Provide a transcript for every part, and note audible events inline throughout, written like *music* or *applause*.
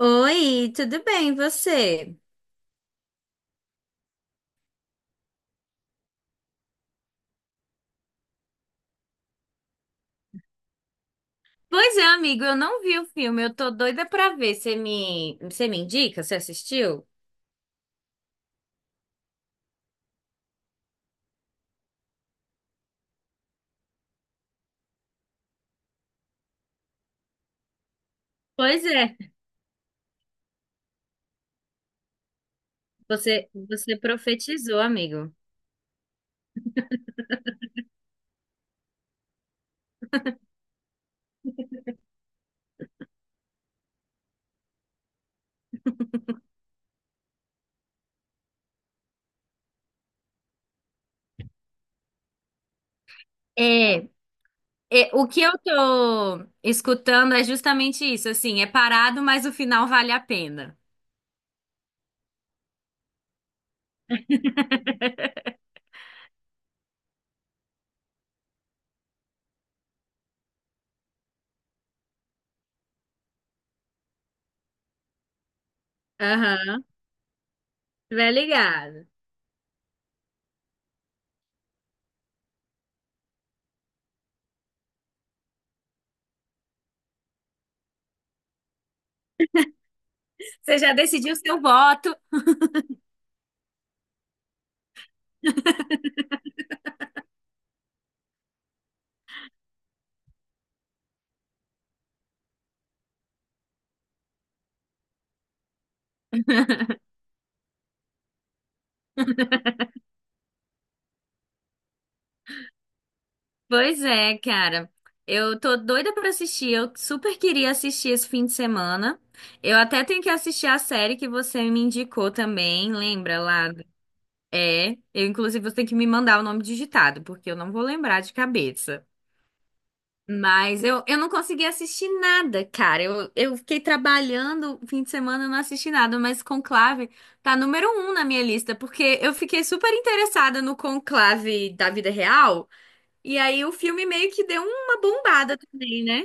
Oi, tudo bem, e você? Pois é, amigo, eu não vi o filme, eu tô doida pra ver. Você me indica? Você assistiu? Pois é, você profetizou, amigo. É, é, o que eu tô escutando é justamente isso, assim, é parado, mas o final vale a pena. Aham, vai ligado. Você já decidiu seu voto. Pois é, cara. Eu tô doida pra assistir. Eu super queria assistir esse fim de semana. Eu até tenho que assistir a série que você me indicou também, lembra lá? É, eu inclusive você tem que me mandar o nome digitado, porque eu não vou lembrar de cabeça. Mas eu não consegui assistir nada, cara. Eu fiquei trabalhando o fim de semana, eu não assisti nada, mas Conclave tá número 1 na minha lista, porque eu fiquei super interessada no Conclave da vida real. E aí o filme meio que deu uma bombada também, né?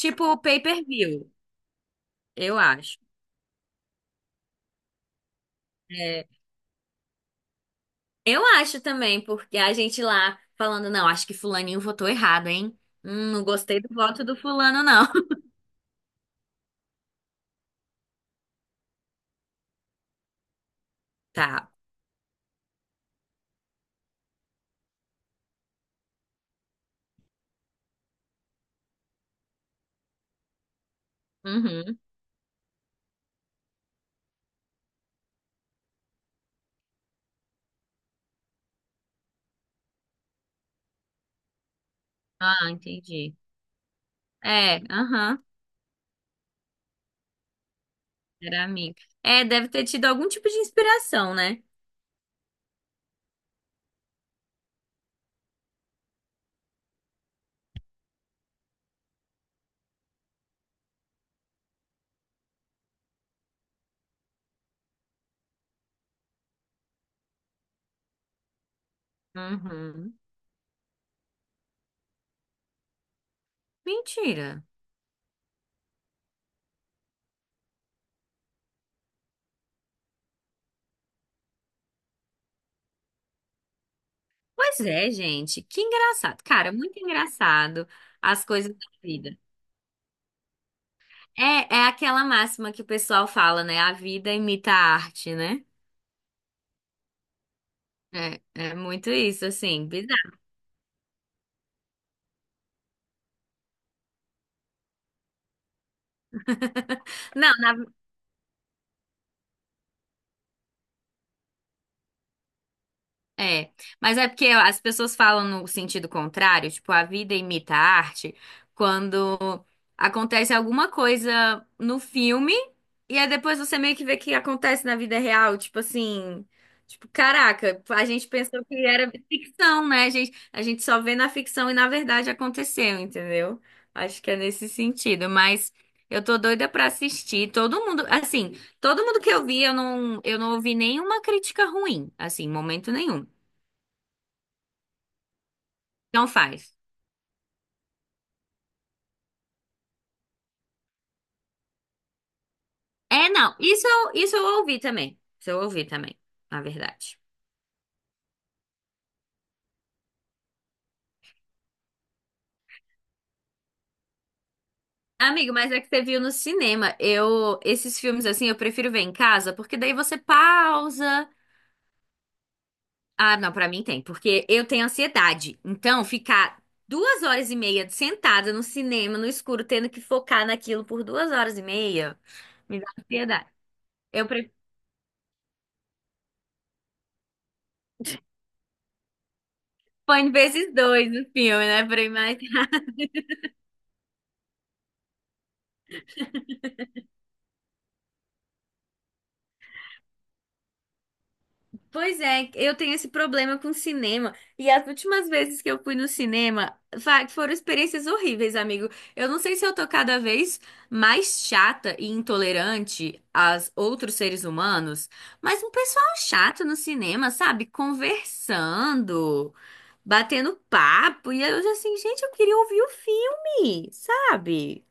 Tipo o pay-per-view, eu acho. É, eu acho também, porque a gente lá falando, não, acho que fulaninho votou errado, hein? Não gostei do voto do fulano, não. *laughs* Tá. Uhum. Ah, entendi. É, aham. Era amigo. É, deve ter tido algum tipo de inspiração, né? Uhum. Mentira. Pois é, gente. Que engraçado. Cara, muito engraçado as coisas da vida. É, é aquela máxima que o pessoal fala, né? A vida imita a arte, né? É, é muito isso, assim, bizarro. Não, na é, mas é porque as pessoas falam no sentido contrário, tipo, a vida imita a arte, quando acontece alguma coisa no filme e aí depois você meio que vê que acontece na vida real, tipo assim, tipo, caraca, a gente pensou que era ficção, né? A gente só vê na ficção e na verdade aconteceu, entendeu? Acho que é nesse sentido, mas eu tô doida pra assistir. Todo mundo que eu vi, eu não ouvi nenhuma crítica ruim, assim, em momento nenhum. Não faz. É, não. Isso eu ouvi também. Isso eu ouvi também, na verdade. Amigo, mas é que você viu no cinema. Eu, esses filmes assim, eu prefiro ver em casa, porque daí você pausa. Ah, não, pra mim tem, porque eu tenho ansiedade. Então, ficar 2 horas e meia sentada no cinema, no escuro, tendo que focar naquilo por 2 horas e meia, me dá ansiedade. Eu prefiro. Põe vezes 2 no filme, né? Pra ir mais Pois é, eu tenho esse problema com cinema. E as últimas vezes que eu fui no cinema foram experiências horríveis, amigo. Eu não sei se eu tô cada vez mais chata e intolerante aos outros seres humanos, mas um pessoal chato no cinema, sabe? Conversando, batendo papo. E eu assim, gente, eu queria ouvir o filme, sabe?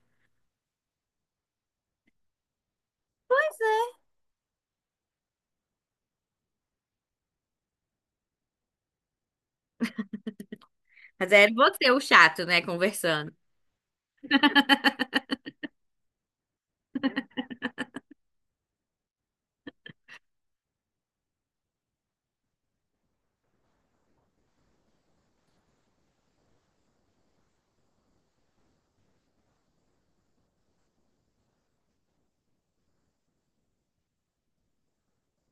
Mas era você o chato, né? Conversando.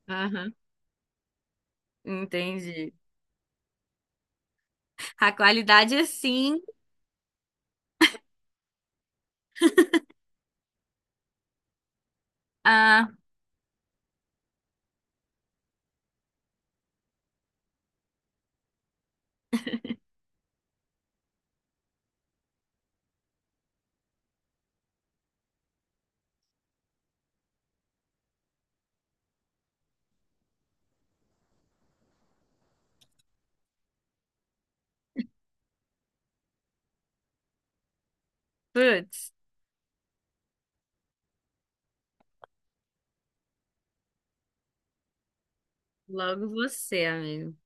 Aham. Entendi. A qualidade é assim. Ah, putz, logo você, amigo.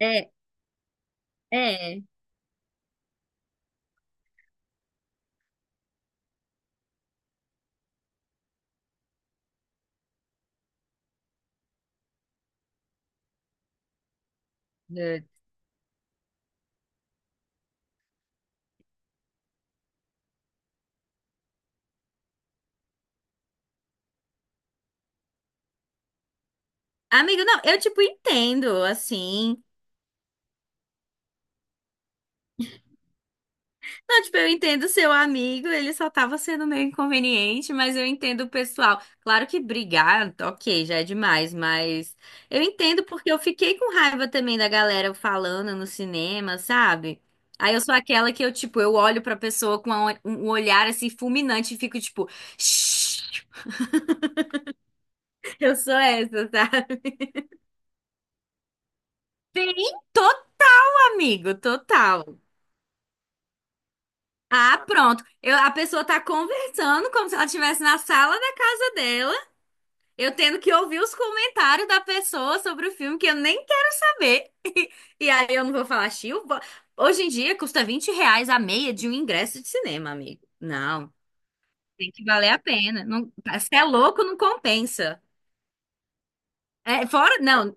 É, é. Putz. Amigo, não, eu, tipo, entendo, assim. Não, tipo, eu entendo seu amigo, ele só tava sendo meio inconveniente, mas eu entendo o pessoal. Claro que brigar, ok, já é demais, mas eu entendo porque eu fiquei com raiva também da galera falando no cinema, sabe? Aí eu sou aquela que eu, tipo, eu olho pra pessoa com um olhar, assim, fulminante e fico, tipo, "Shh". Eu sou essa, *laughs* sabe? Sim, amigo, total. Ah, pronto. A pessoa tá conversando como se ela estivesse na sala da casa dela, eu tendo que ouvir os comentários da pessoa sobre o filme que eu nem quero saber. *laughs* E aí eu não vou falar, Chiu. Hoje em dia custa R$ 20 a meia de um ingresso de cinema, amigo. Não, tem que valer a pena. Não, se é louco, não compensa. É, fora, não,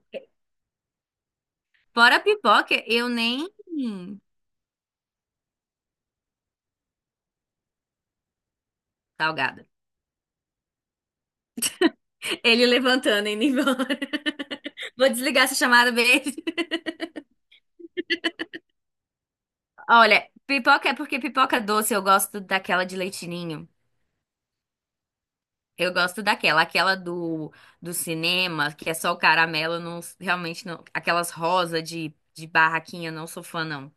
fora a pipoca, eu nem. Salgada. Ele levantando e indo embora. *laughs* Vou desligar essa chamada, beijo. Olha, pipoca é porque pipoca doce eu gosto daquela de leitinho. Eu gosto daquela, aquela do cinema, que é só o caramelo, eu não, realmente não, aquelas rosa de barraquinha, não sou fã não.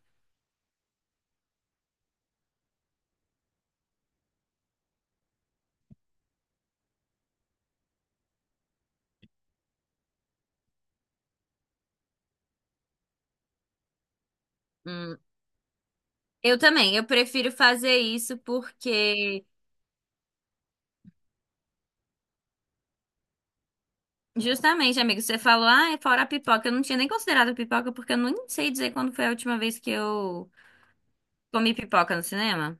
Hum, eu também, eu prefiro fazer isso porque justamente, amigo, você falou, ah, é fora a pipoca, eu não tinha nem considerado a pipoca porque eu não sei dizer quando foi a última vez que eu comi pipoca no cinema.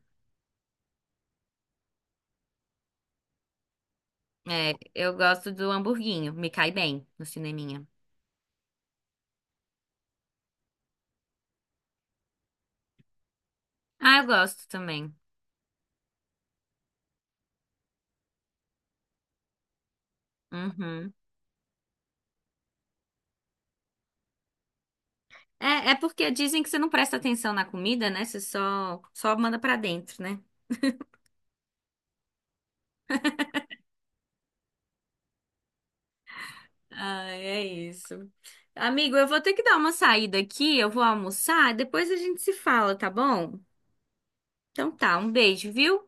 É, eu gosto do hamburguinho, me cai bem no cineminha. Ah, eu gosto também. Uhum. É, é porque dizem que você não presta atenção na comida, né? Você só manda pra dentro, né? Ah, é isso. Amigo, eu vou ter que dar uma saída aqui, eu vou almoçar, depois a gente se fala, tá bom? Então tá, um beijo, viu?